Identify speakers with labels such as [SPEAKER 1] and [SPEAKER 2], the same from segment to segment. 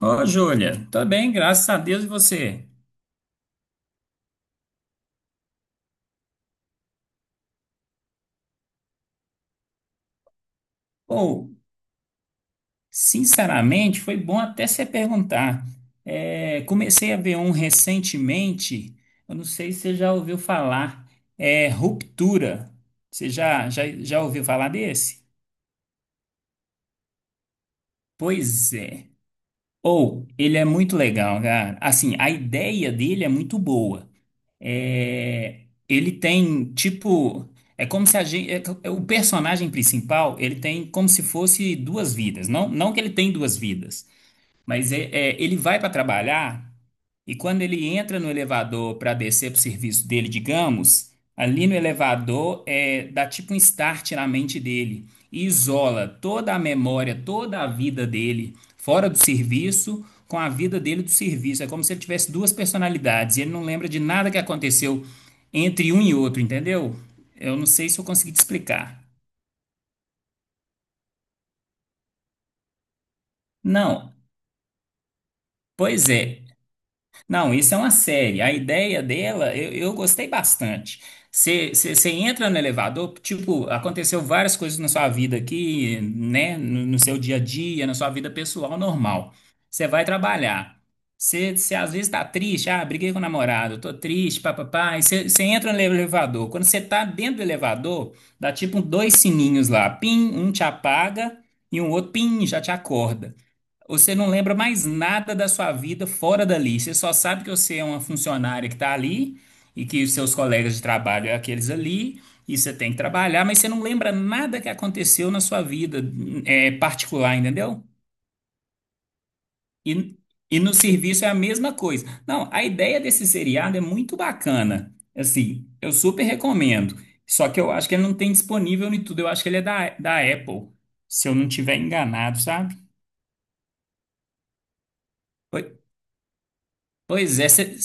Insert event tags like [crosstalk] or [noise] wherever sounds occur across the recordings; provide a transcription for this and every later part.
[SPEAKER 1] Ô, Júlia, tá bem, graças a Deus e você? Ou, sinceramente, foi bom até você perguntar. Comecei a ver um recentemente, eu não sei se você já ouviu falar, é Ruptura. Você já ouviu falar desse? Pois é. Ou, ele é muito legal, cara. Assim, a ideia dele é muito boa. é, Ele tem tipo, é como se a gente, o personagem principal, ele tem como se fosse duas vidas, não que ele tem duas vidas, mas ele vai para trabalhar e quando ele entra no elevador para descer para o serviço dele, digamos, ali no elevador, é, dá tipo um start na mente dele e isola toda a memória, toda a vida dele fora do serviço com a vida dele do serviço. É como se ele tivesse duas personalidades e ele não lembra de nada que aconteceu entre um e outro, entendeu? Eu não sei se eu consegui te explicar. Não, pois é. Não, isso é uma série. A ideia dela, eu gostei bastante. Você entra no elevador, tipo, aconteceu várias coisas na sua vida aqui, né? No seu dia a dia, na sua vida pessoal normal. Você vai trabalhar. Você às vezes tá triste, ah, briguei com o namorado, tô triste, papapá. Você entra no elevador. Quando você tá dentro do elevador, dá tipo dois sininhos lá, pim, um te apaga e um outro, pim, já te acorda. Você não lembra mais nada da sua vida fora dali. Você só sabe que você é uma funcionária que está ali e que os seus colegas de trabalho é aqueles ali e você tem que trabalhar, mas você não lembra nada que aconteceu na sua vida, é, particular, entendeu? E, e no serviço é a mesma coisa. Não, a ideia desse seriado é muito bacana. Assim, eu super recomendo. Só que eu acho que ele não tem disponível em tudo. Eu acho que ele é da Apple, se eu não tiver enganado, sabe? Pois pois é, você.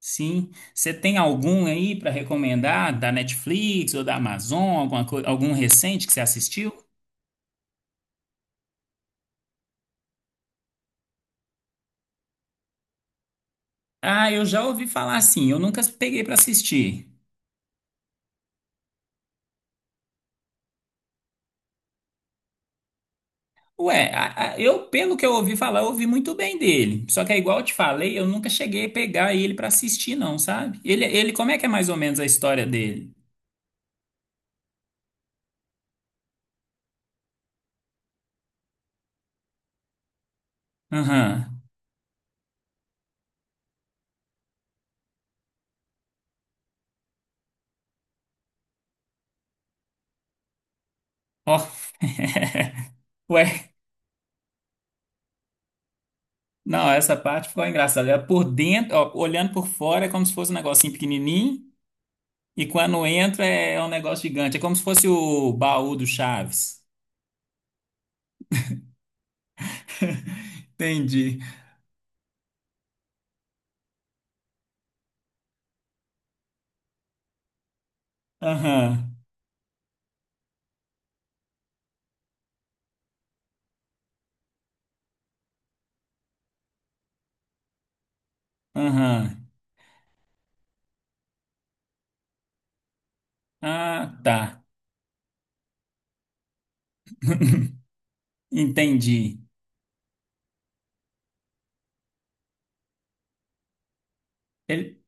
[SPEAKER 1] Sim. Você tem algum aí para recomendar da Netflix ou da Amazon, alguma coi- algum recente que você assistiu? Ah, eu já ouvi falar assim, eu nunca peguei para assistir. Ué, a- eu, pelo que eu ouvi falar, eu ouvi muito bem dele. Só que é igual eu te falei, eu nunca cheguei a pegar ele para assistir, não, sabe? Como é que é mais ou menos a história dele? Aham. Ó. [laughs] Ué, não, essa parte ficou engraçada. Era por dentro, ó, olhando por fora, é como se fosse um negocinho pequenininho. E quando entra é um negócio gigante. É como se fosse o baú do Chaves. [laughs] Entendi. Aham, aham. Ah, tá. Entendi. Ele-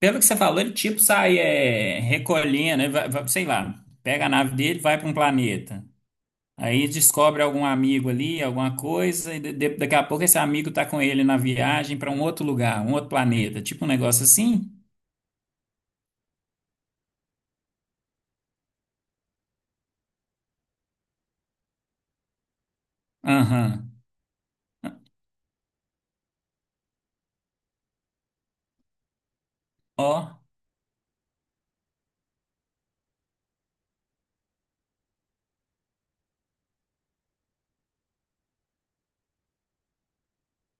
[SPEAKER 1] pelo que você falou, ele tipo sai, é, recolhendo, ele sei lá, pega a nave dele, vai para um planeta. Aí descobre algum amigo ali, alguma coisa, e daqui a pouco esse amigo tá com ele na viagem para um outro lugar, um outro planeta. Tipo um negócio assim? Aham. Ó,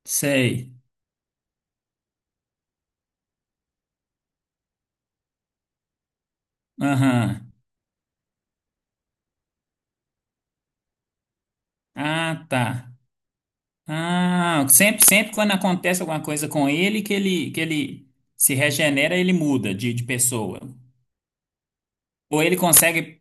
[SPEAKER 1] sei. Aham. Ah, tá. Ah, sempre quando acontece alguma coisa com ele, que ele se regenera, ele muda de pessoa. Ou ele consegue.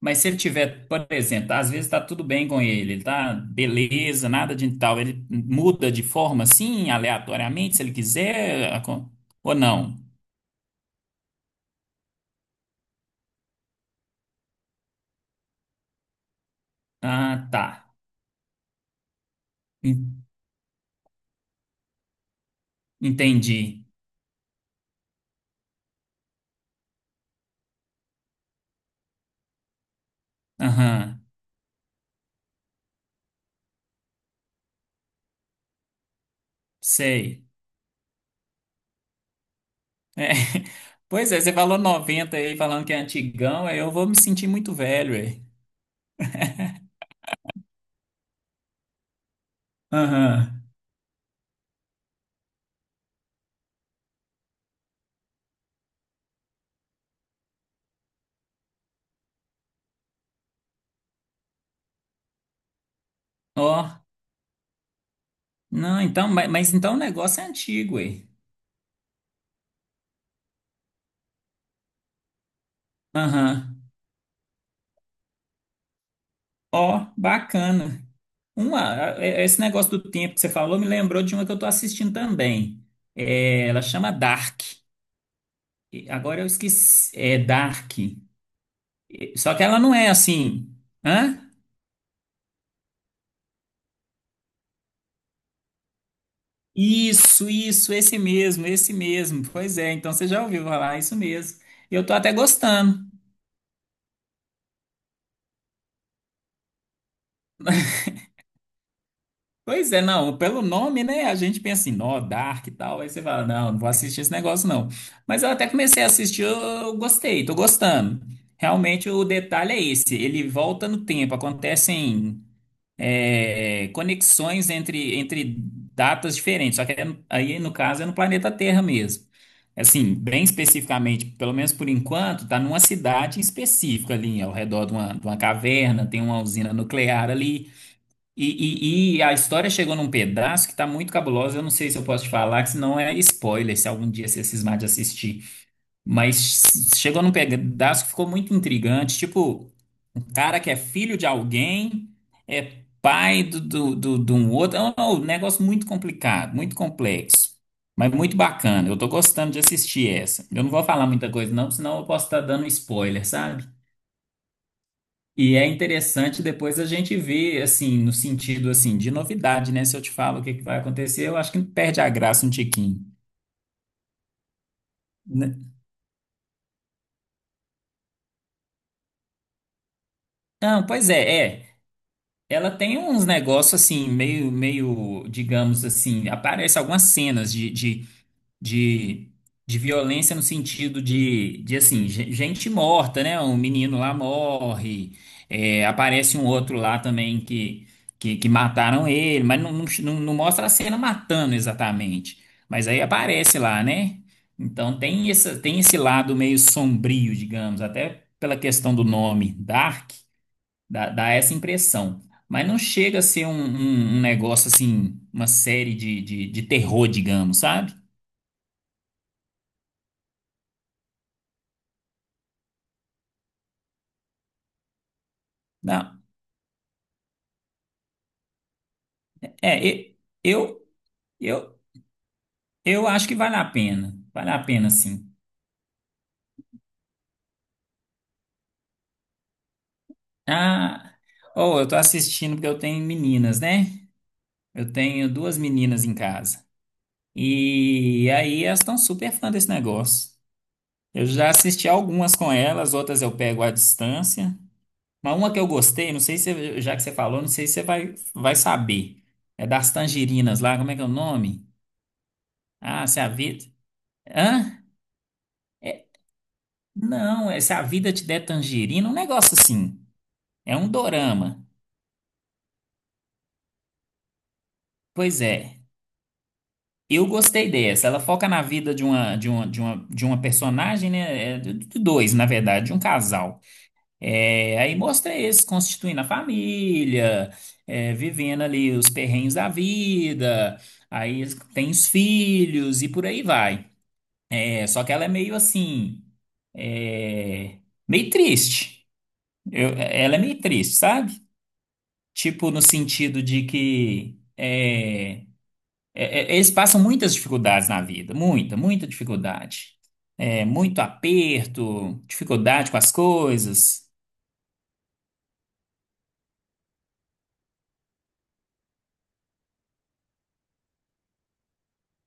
[SPEAKER 1] Mas se ele tiver, por exemplo, às vezes tá tudo bem com ele, ele tá beleza, nada de tal, ele muda de forma assim, aleatoriamente, se ele quiser, acon- ou não. Ah, tá. En- Entendi. Aham, sei. É. [laughs] Pois é, você falou 90 aí, falando que é antigão, aí eu vou me sentir muito velho. Aham. Ó, não, então, ma- mas, então o negócio é antigo, ué. Aham. Ó, bacana. Uma, a- é- esse negócio do tempo que você falou me lembrou de uma que eu tô assistindo também. É, ela chama Dark. E agora eu esqueci. É Dark. E- só que ela não é assim. Hã? Isso, esse mesmo, esse mesmo. Pois é, então você já ouviu falar, isso mesmo. E eu tô até gostando. Pois é, não, pelo nome, né? A gente pensa assim, nó, Dark e tal. Aí você fala, não, não vou assistir esse negócio, não. Mas eu até comecei a assistir, eu gostei, tô gostando. Realmente o detalhe é esse, ele volta no tempo, acontecem, é, conexões entre datas diferentes. Só que é no- aí, no caso, é no planeta Terra mesmo. Assim, bem especificamente, pelo menos por enquanto, tá numa cidade específica ali, ao redor de uma caverna, tem uma usina nuclear ali. E a história chegou num pedaço que tá muito cabulosa. Eu não sei se eu posso te falar, que senão é spoiler, se algum dia você cismar de assistir. Mas chegou num pedaço que ficou muito intrigante. Tipo, um cara que é filho de alguém, é pai de um outro. É um negócio muito complicado, muito complexo. Mas muito bacana. Eu tô gostando de assistir essa. Eu não vou falar muita coisa, não, senão eu posso estar dando spoiler, sabe? E é interessante depois a gente ver, assim, no sentido, assim, de novidade, né? Se eu te falo o que que vai acontecer, eu acho que perde a graça um tiquinho, né? Não, pois é, é. Ela tem uns negócios, assim, meio, digamos assim, aparece algumas cenas de, de violência no sentido de assim, ge- gente morta, né? Um menino lá morre, é, aparece um outro lá também que, que mataram ele, mas não mostra a cena matando exatamente. Mas aí aparece lá, né? Então tem essa, tem esse lado meio sombrio, digamos, até pela questão do nome Dark, dá essa impressão. Mas não chega a ser um, um- um negócio assim, uma série de terror, digamos, sabe? Dá- é, e- eu, eu, eu acho que vale a pena. Vale a pena, sim. Ah, oh, eu tô assistindo porque eu tenho meninas, né? Eu tenho duas meninas em casa. E aí elas estão super fã desse negócio. Eu já assisti algumas com elas, outras eu pego à distância. Mas uma que eu gostei, não sei se, você- já que você falou, não sei se você vai saber. É das tangerinas lá, como é que é o nome? Ah, se a vida. Hã? É, não, é se a vida te der tangerina, um negócio assim. É um dorama. Pois é. Eu gostei dessa. Ela foca na vida de uma personagem, né? É, de dois, na verdade, de um casal. É, aí mostra eles constituindo a família, é, vivendo ali os perrengues da vida. Aí eles têm os filhos e por aí vai. É, só que ela é meio assim, é, meio triste. Eu- ela é meio triste, sabe? Tipo, no sentido de que. É É, é, eles passam muitas dificuldades na vida, muita dificuldade. É, muito aperto, dificuldade com as coisas.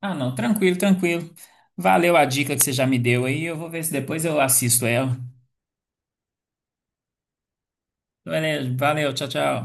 [SPEAKER 1] Ah, não, tranquilo, tranquilo. Valeu a dica que você já me deu aí. Eu vou ver se depois eu assisto ela. Valeu, valeu, tchau, tchau.